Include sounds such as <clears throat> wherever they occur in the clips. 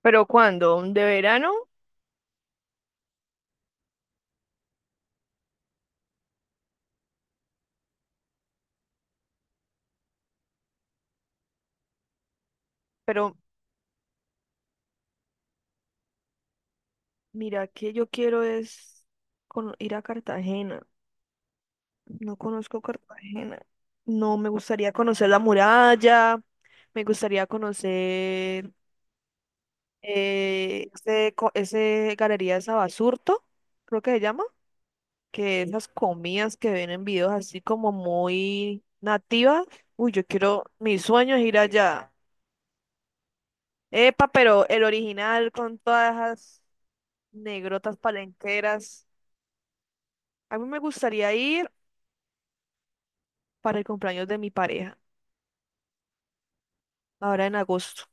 ¿Pero cuándo? ¿De verano? Pero mira que yo quiero es ir a Cartagena. No conozco Cartagena. No, me gustaría conocer la muralla. Me gustaría conocer ese Galería de Sabasurto, creo que se llama, que esas comidas que ven en videos así como muy nativas. Uy, yo quiero, mi sueño es ir allá. Epa, pero el original con todas esas negrotas palenqueras. A mí me gustaría ir para el cumpleaños de mi pareja, ahora en agosto.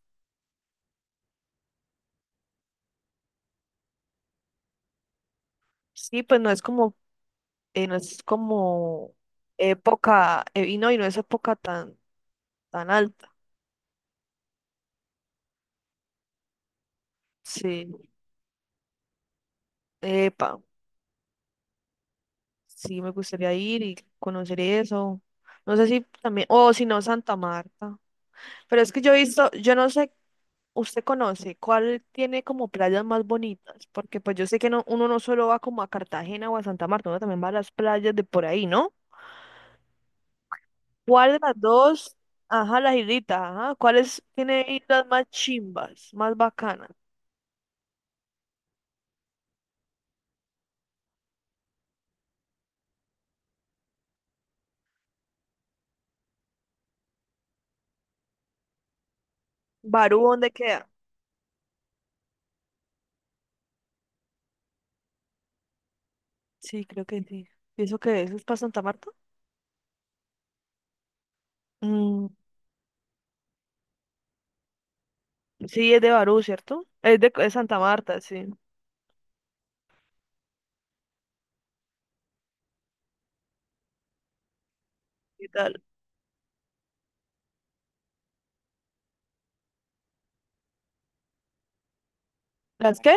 Sí, pues no es como, no es como época, y no es época tan, tan alta. Sí, epa, sí me gustaría ir y conocer eso. No sé si también, o si no, Santa Marta. Pero es que yo he visto, yo no sé, usted conoce cuál tiene como playas más bonitas, porque pues yo sé que no, uno no solo va como a Cartagena o a Santa Marta, uno también va a las playas de por ahí, ¿no? ¿Cuál de las dos? Ajá, las hilitas, ajá. ¿Cuáles tiene hilas más chimbas, más bacanas? ¿Barú dónde queda? Sí, creo que sí. Pienso que eso es para Santa Marta. Mm, sí, es de Barú, ¿cierto? Es Santa Marta, sí. ¿Qué tal? ¿Las qué?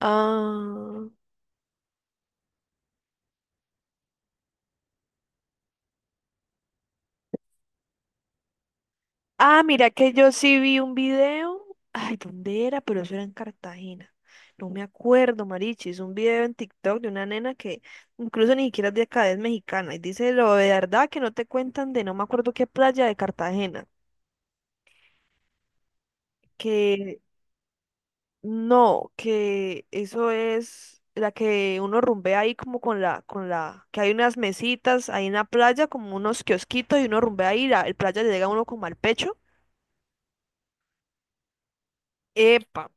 Ah. Ah, mira que yo sí vi un video. Ay, ¿dónde era? Pero eso era en Cartagena. No me acuerdo, Marichi. Es un video en TikTok de una nena que incluso ni siquiera es de acá, es mexicana. Y dice lo de verdad que no te cuentan de no me acuerdo qué playa de Cartagena. Que no, que eso es la que uno rumbea ahí como que hay unas mesitas ahí en la playa, como unos kiosquitos y uno rumbea ahí, el playa le llega a uno como al pecho. Epa,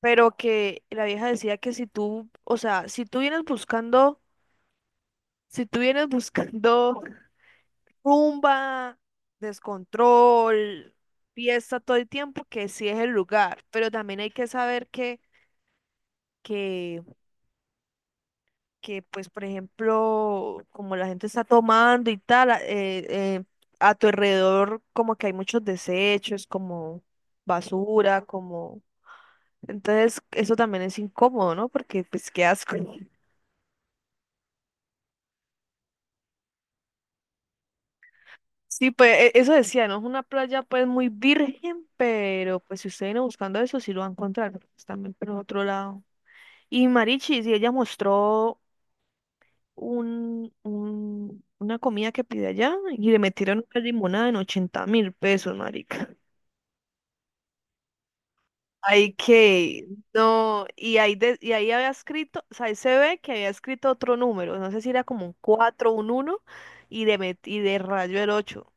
pero que la vieja decía que si tú, o sea, si tú vienes buscando rumba, descontrol, fiesta todo el tiempo, que sí es el lugar, pero también hay que saber que, que pues, por ejemplo, como la gente está tomando y tal, eh, a tu alrededor como que hay muchos desechos, como basura, como... Entonces, eso también es incómodo, ¿no? Porque, pues, qué asco. Sí, pues eso decía, no es una playa pues muy virgen, pero pues si usted viene buscando eso, sí lo va a encontrar, porque pues, también por otro lado. Y Marichi, sí, ella mostró una comida que pide allá y le metieron una limonada en 80.000 pesos, marica. Ay, que, no, y ahí, y ahí había escrito, o sea, ahí se ve que había escrito otro número, no sé si era como un 4 un uno y de, y de rayo el ocho.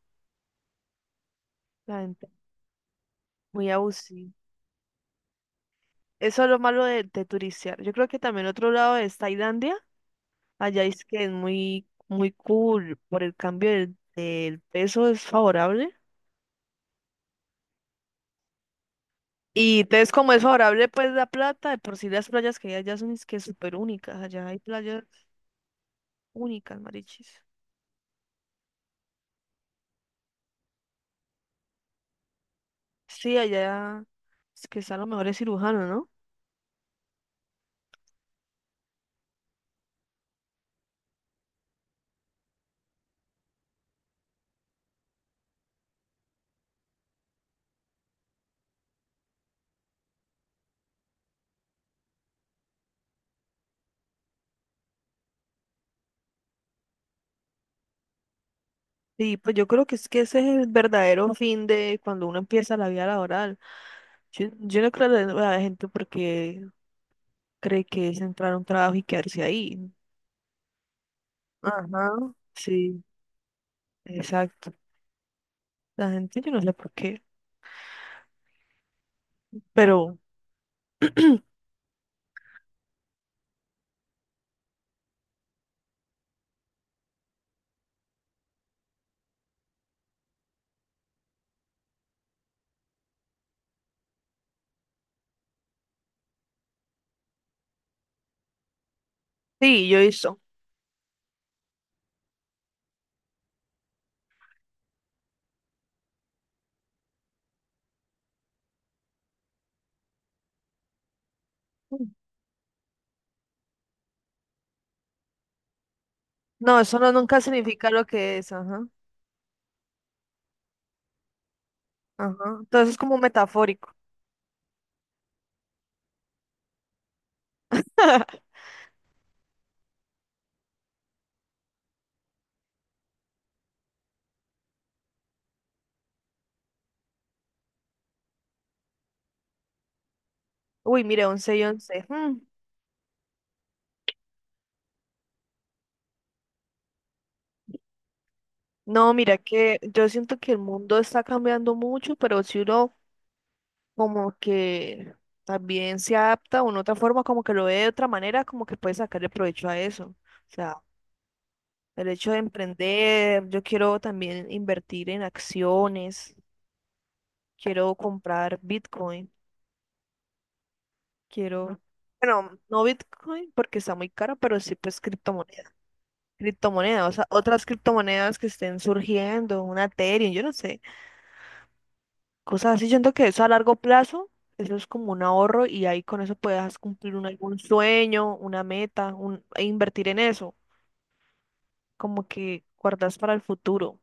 La gente muy abusiva. Eso es lo malo de turistear. Yo creo que también otro lado es Tailandia. Allá es que es muy, muy cool por el cambio del peso, es favorable. Y entonces como es favorable, pues la plata, de por sí las playas que hay allá son es que súper únicas. Allá hay playas únicas, marichis. Sí, allá es que están los mejores cirujanos, ¿no? Sí, pues yo creo que es que ese es el verdadero fin de cuando uno empieza la vida laboral. Yo no creo que la gente porque cree que es entrar a un trabajo y quedarse ahí. Ajá, sí, exacto. La gente, yo no sé por qué, pero <clears throat> sí, yo hizo. No, eso no nunca significa lo que es, ajá, ajá. Entonces es como metafórico. <laughs> Uy, mire, 11 y 11 mm. No, mira que yo siento que el mundo está cambiando mucho, pero si uno como que también se adapta o en otra forma, como que lo ve de otra manera, como que puede sacarle provecho a eso. O sea, el hecho de emprender, yo quiero también invertir en acciones. Quiero comprar Bitcoin. Quiero, bueno, no Bitcoin porque está muy caro, pero sí pues criptomoneda. Criptomoneda, o sea, otras criptomonedas que estén surgiendo, una Ethereum, yo no sé. Cosas así, yo siento que eso a largo plazo, eso es como un ahorro y ahí con eso puedes cumplir un, algún sueño, una meta, un, e invertir en eso. Como que guardas para el futuro.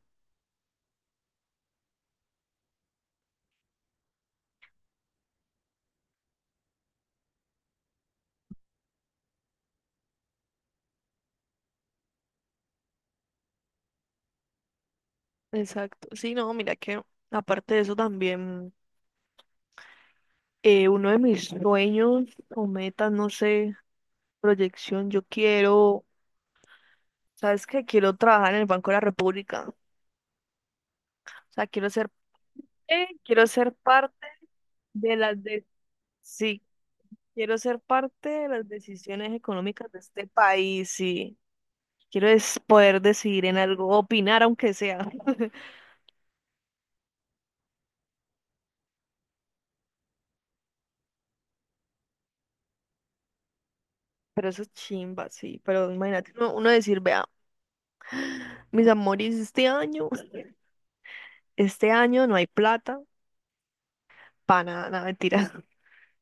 Exacto. Sí, no, mira que aparte de eso también, uno de mis sueños o metas, no sé, proyección, yo quiero, ¿sabes qué? Quiero trabajar en el Banco de la República. O sea, quiero ser parte de las de, sí, quiero ser parte de las decisiones económicas de este país, sí. Quiero es poder decidir en algo, opinar aunque sea. <laughs> Pero eso es chimba, sí. Pero imagínate uno, uno decir, vea, mis amores, este año no hay plata para nada, nada, mentira.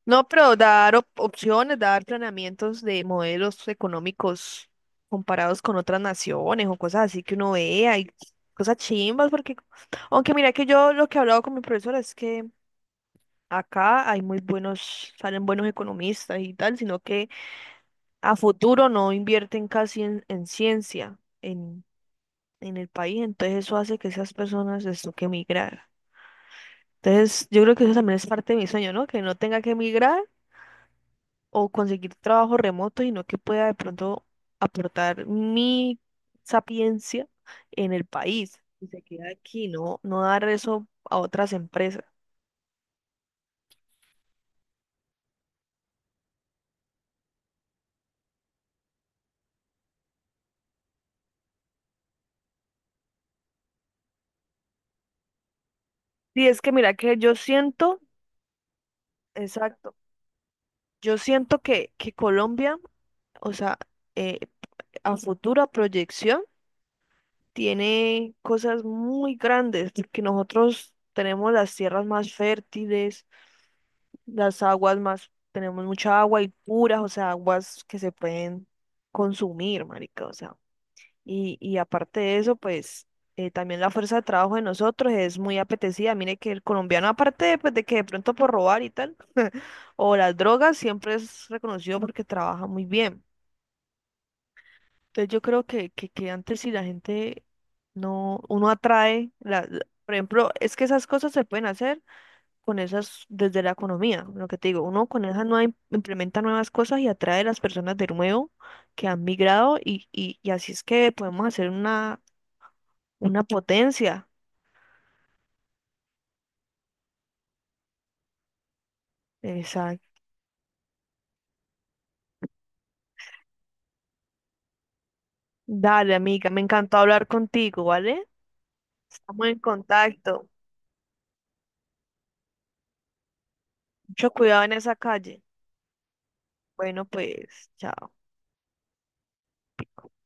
No, pero dar opciones, dar planeamientos de modelos económicos comparados con otras naciones o cosas así que uno vea y cosas chimbas, porque aunque mira que yo lo que he hablado con mi profesora es que acá hay muy buenos, salen buenos economistas y tal, sino que a futuro no invierten casi en ciencia en el país, entonces eso hace que esas personas les toque emigrar. Entonces yo creo que eso también es parte de mi sueño, ¿no? Que no tenga que emigrar o conseguir trabajo remoto, sino que pueda de pronto aportar mi sapiencia en el país. Y se queda aquí, no, no dar eso a otras empresas. Sí, es que mira que yo siento, exacto, yo siento que Colombia, o sea, eh, a futura proyección, tiene cosas muy grandes, que nosotros tenemos las tierras más fértiles. Las aguas más, tenemos mucha agua y puras, o sea, aguas que se pueden consumir, marica, o sea. Y aparte de eso, pues también la fuerza de trabajo de nosotros es muy apetecida. Mire que el colombiano, aparte de, pues, de que de pronto por robar y tal, <laughs> o las drogas, siempre es reconocido porque trabaja muy bien. Entonces yo creo que antes si la gente no, uno atrae, por ejemplo, es que esas cosas se pueden hacer con esas desde la economía, lo que te digo, uno con esas nuevas implementa nuevas cosas y atrae a las personas de nuevo que han migrado y así es que podemos hacer una potencia. Exacto. Dale, amiga, me encantó hablar contigo, ¿vale? Estamos en contacto. Mucho cuidado en esa calle. Bueno, pues, chao.